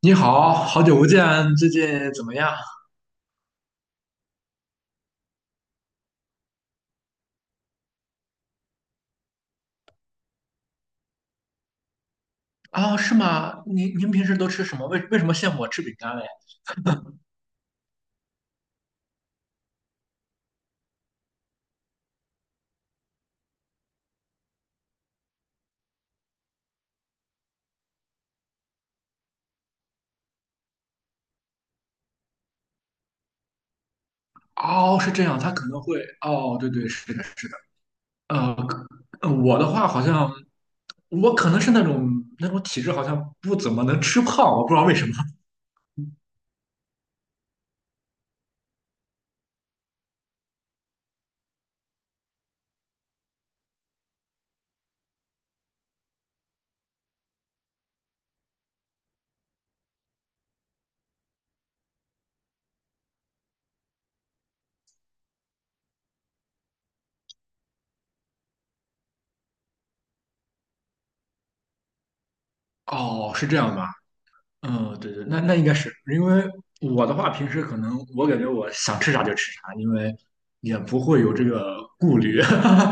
你好，好久不见，最近怎么样？啊？是吗？您平时都吃什么？为什么羡慕我吃饼干嘞？哦，是这样，他可能会，哦，对对，是的，是的，呃，可我的话好像，我可能是那种体质，好像不怎么能吃胖，我不知道为什么。哦，是这样吧？嗯，对对，那应该是因为我的话，平时可能我感觉我想吃啥就吃啥，因为也不会有这个顾虑。哈。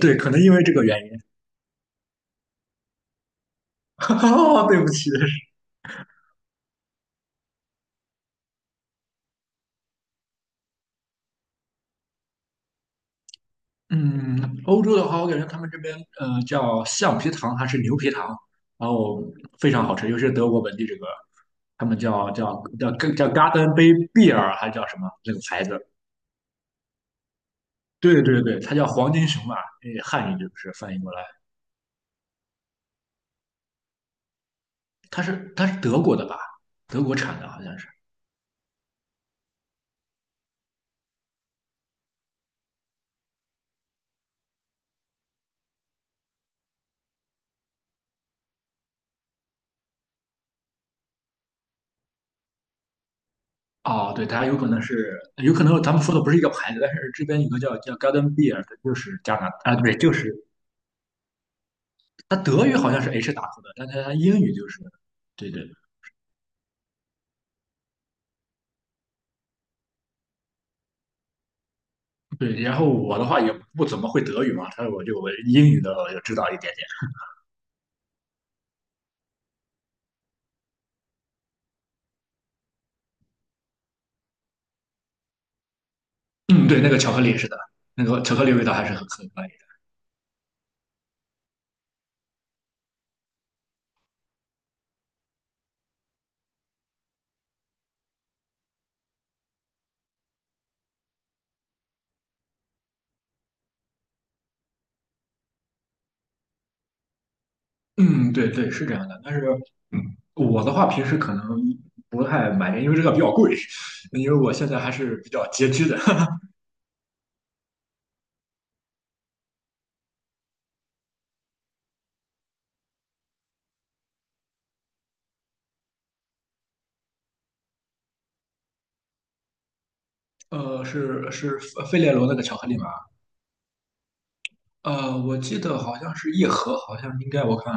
对，可能因为这个原因。哦，对不起，嗯，欧洲的话，我感觉他们这边叫橡皮糖还是牛皮糖，然后非常好吃，尤其是德国本地这个，他们叫 Garden Bay Beer 还是叫什么那个牌子？对对对，它叫黄金熊嘛，呃汉语就是翻译过来，它是德国的吧？德国产的好像是。哦，对，它有可能是，有可能咱们说的不是一个牌子，但是这边有个叫 Garden Beer 的，就是加拿啊，对，就是他德语好像是 H 打头的，但他英语就是，对对对。然后我的话也不怎么会德语嘛，所以我英语的我就知道一点点。嗯，对，那个巧克力是的，那个巧克力味道还是很可以的嗯，对对，是这样的。但是，嗯，我的话平时可能不太买，因为这个比较贵，因为我现在还是比较拮据的。呃，是费列罗那个巧克力吗？呃，我记得好像是一盒，好像应该我看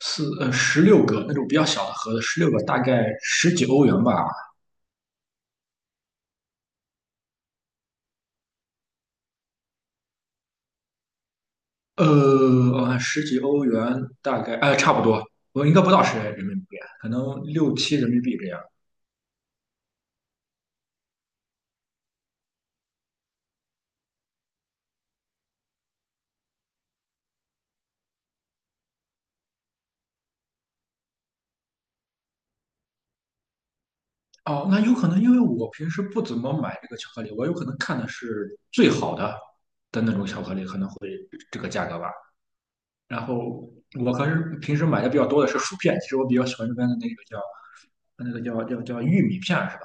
十六个那种比较小的盒子，十六个大概十几欧元吧。呃，我看十几欧元大概，呃，差不多，我应该不到10人民币，可能六七人民币这样。哦，那有可能因为我平时不怎么买这个巧克力，我有可能看的是最好的那种巧克力，可能会这个价格吧。然后我可是平时买的比较多的是薯片，其实我比较喜欢那边的那个叫那个叫玉米片是吧？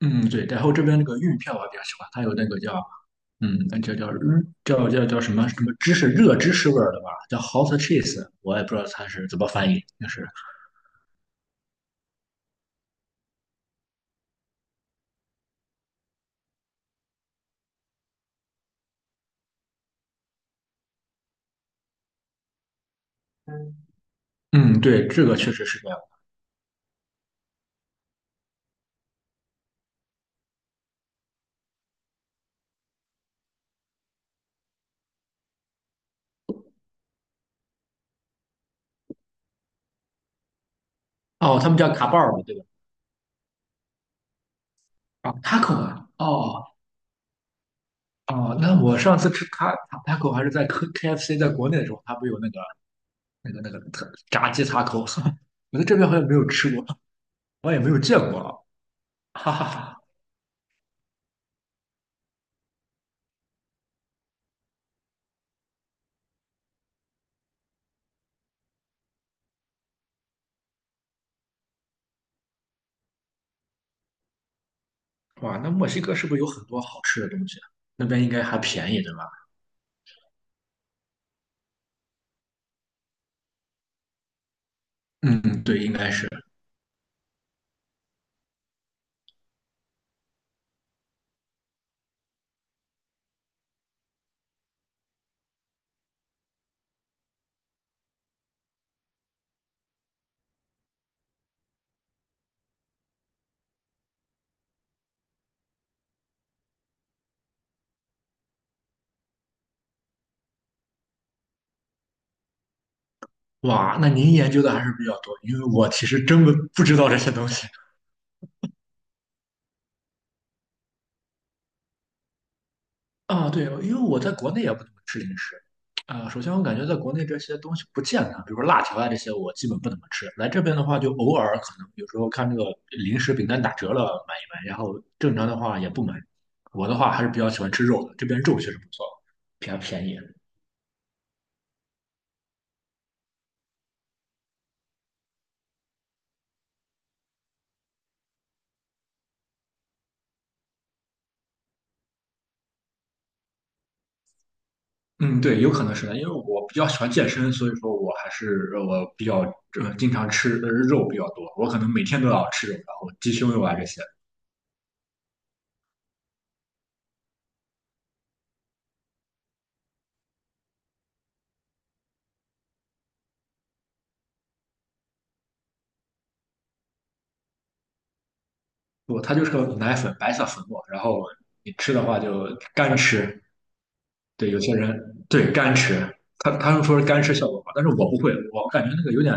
嗯，对，然后这边那个玉片我比较喜欢，它有那个叫嗯，那叫叫嗯叫叫叫什么什么芝士热芝士味儿的吧，叫 hot cheese，我也不知道它是怎么翻译，就是嗯，对，这个确实是这样。哦，他们叫卡巴尔对吧？啊，taco 啊，哦哦，那我上次吃taco 还是在 KFC 在国内的时候，它不有那个那个特炸鸡 taco，我在这边好像没有吃过，我也没有见过啊，哈哈哈。哇，那墨西哥是不是有很多好吃的东西啊？那边应该还便宜，对吧？嗯，对，应该是。哇，那您研究的还是比较多，因为我其实真不知道这些东西。啊，对，因为我在国内也不怎么吃零食。啊，首先我感觉在国内这些东西不健康，比如说辣条啊这些，我基本不怎么吃。来这边的话，就偶尔可能有时候看这个零食饼干打折了买一买，然后正常的话也不买。我的话还是比较喜欢吃肉的，这边肉确实不错，比较便宜。嗯，对，有可能是的，因为我比较喜欢健身，所以说我还是我比较经常吃肉比较多，我可能每天都要吃肉，然后鸡胸肉啊这些。不，它就是个奶粉，白色粉末，然后你吃的话就干吃，对，有些人对干吃，他们说是干吃效果好，但是我不会，我感觉那个有点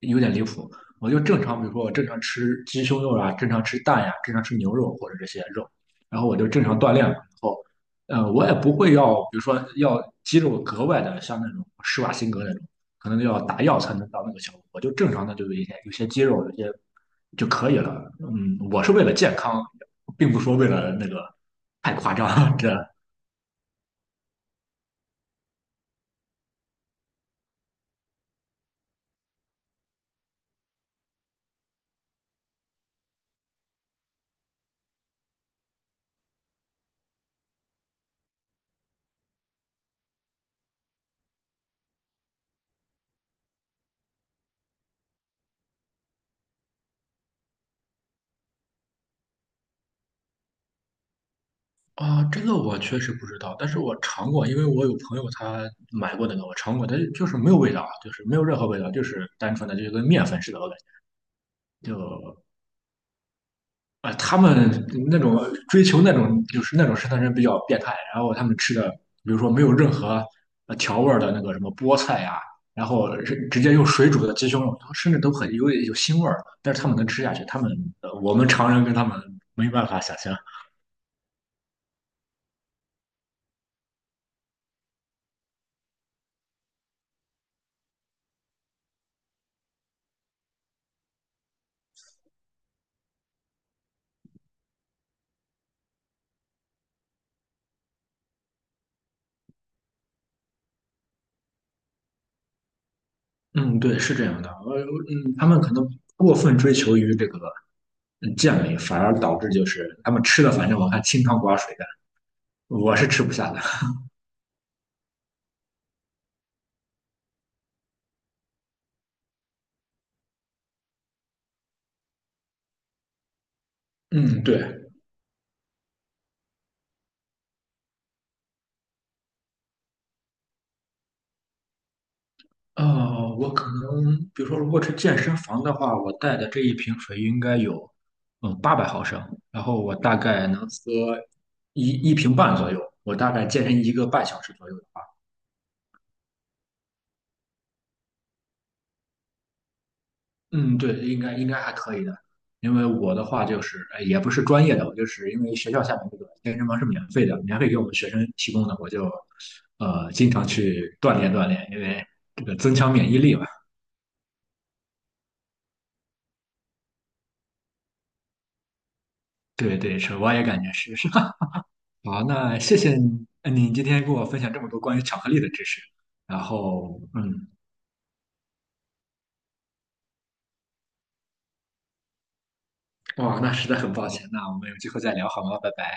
有点离谱。我就正常，比如说我正常吃鸡胸肉啊，正常吃蛋呀、正常吃牛肉或者这些肉，然后我就正常锻炼嘛。然后，我也不会要，比如说要肌肉格外的像那种施瓦辛格那种，可能要打药才能到那个效果。我就正常的就有一些肌肉，有些就可以了。嗯，我是为了健康，并不说为了那个太夸张，这。啊，这个我确实不知道，但是我尝过，因为我有朋友他买过那个，我尝过，它就是没有味道啊，就是没有任何味道，就是单纯的就跟面粉似的，我感觉就啊、他们那种追求那种就是那种生态人比较变态，然后他们吃的，比如说没有任何调味儿的那个什么菠菜呀、然后是直接用水煮的鸡胸肉，甚至都很有腥味儿，但是他们能吃下去，他们我们常人跟他们没办法想象。嗯，对，是这样的，他们可能过分追求于这个健美，反而导致就是他们吃的，反正我看清汤寡水的，我是吃不下的。嗯，对，呃，我可能比如说，如果是健身房的话，我带的这一瓶水应该有800毫升，然后我大概能喝一瓶半左右，我大概健身一个半小时左右的话，嗯，对，应该还可以的，因为我的话就是，也不是专业的，我就是因为学校下面这个健身房是免费的，免费给我们学生提供的，我就经常去锻炼锻炼，因为这个增强免疫力嘛。对对，是，我也感觉是是。好，那谢谢你，今天跟我分享这么多关于巧克力的知识，然后嗯，哇，那实在很抱歉，那我们有机会再聊好吗？拜拜。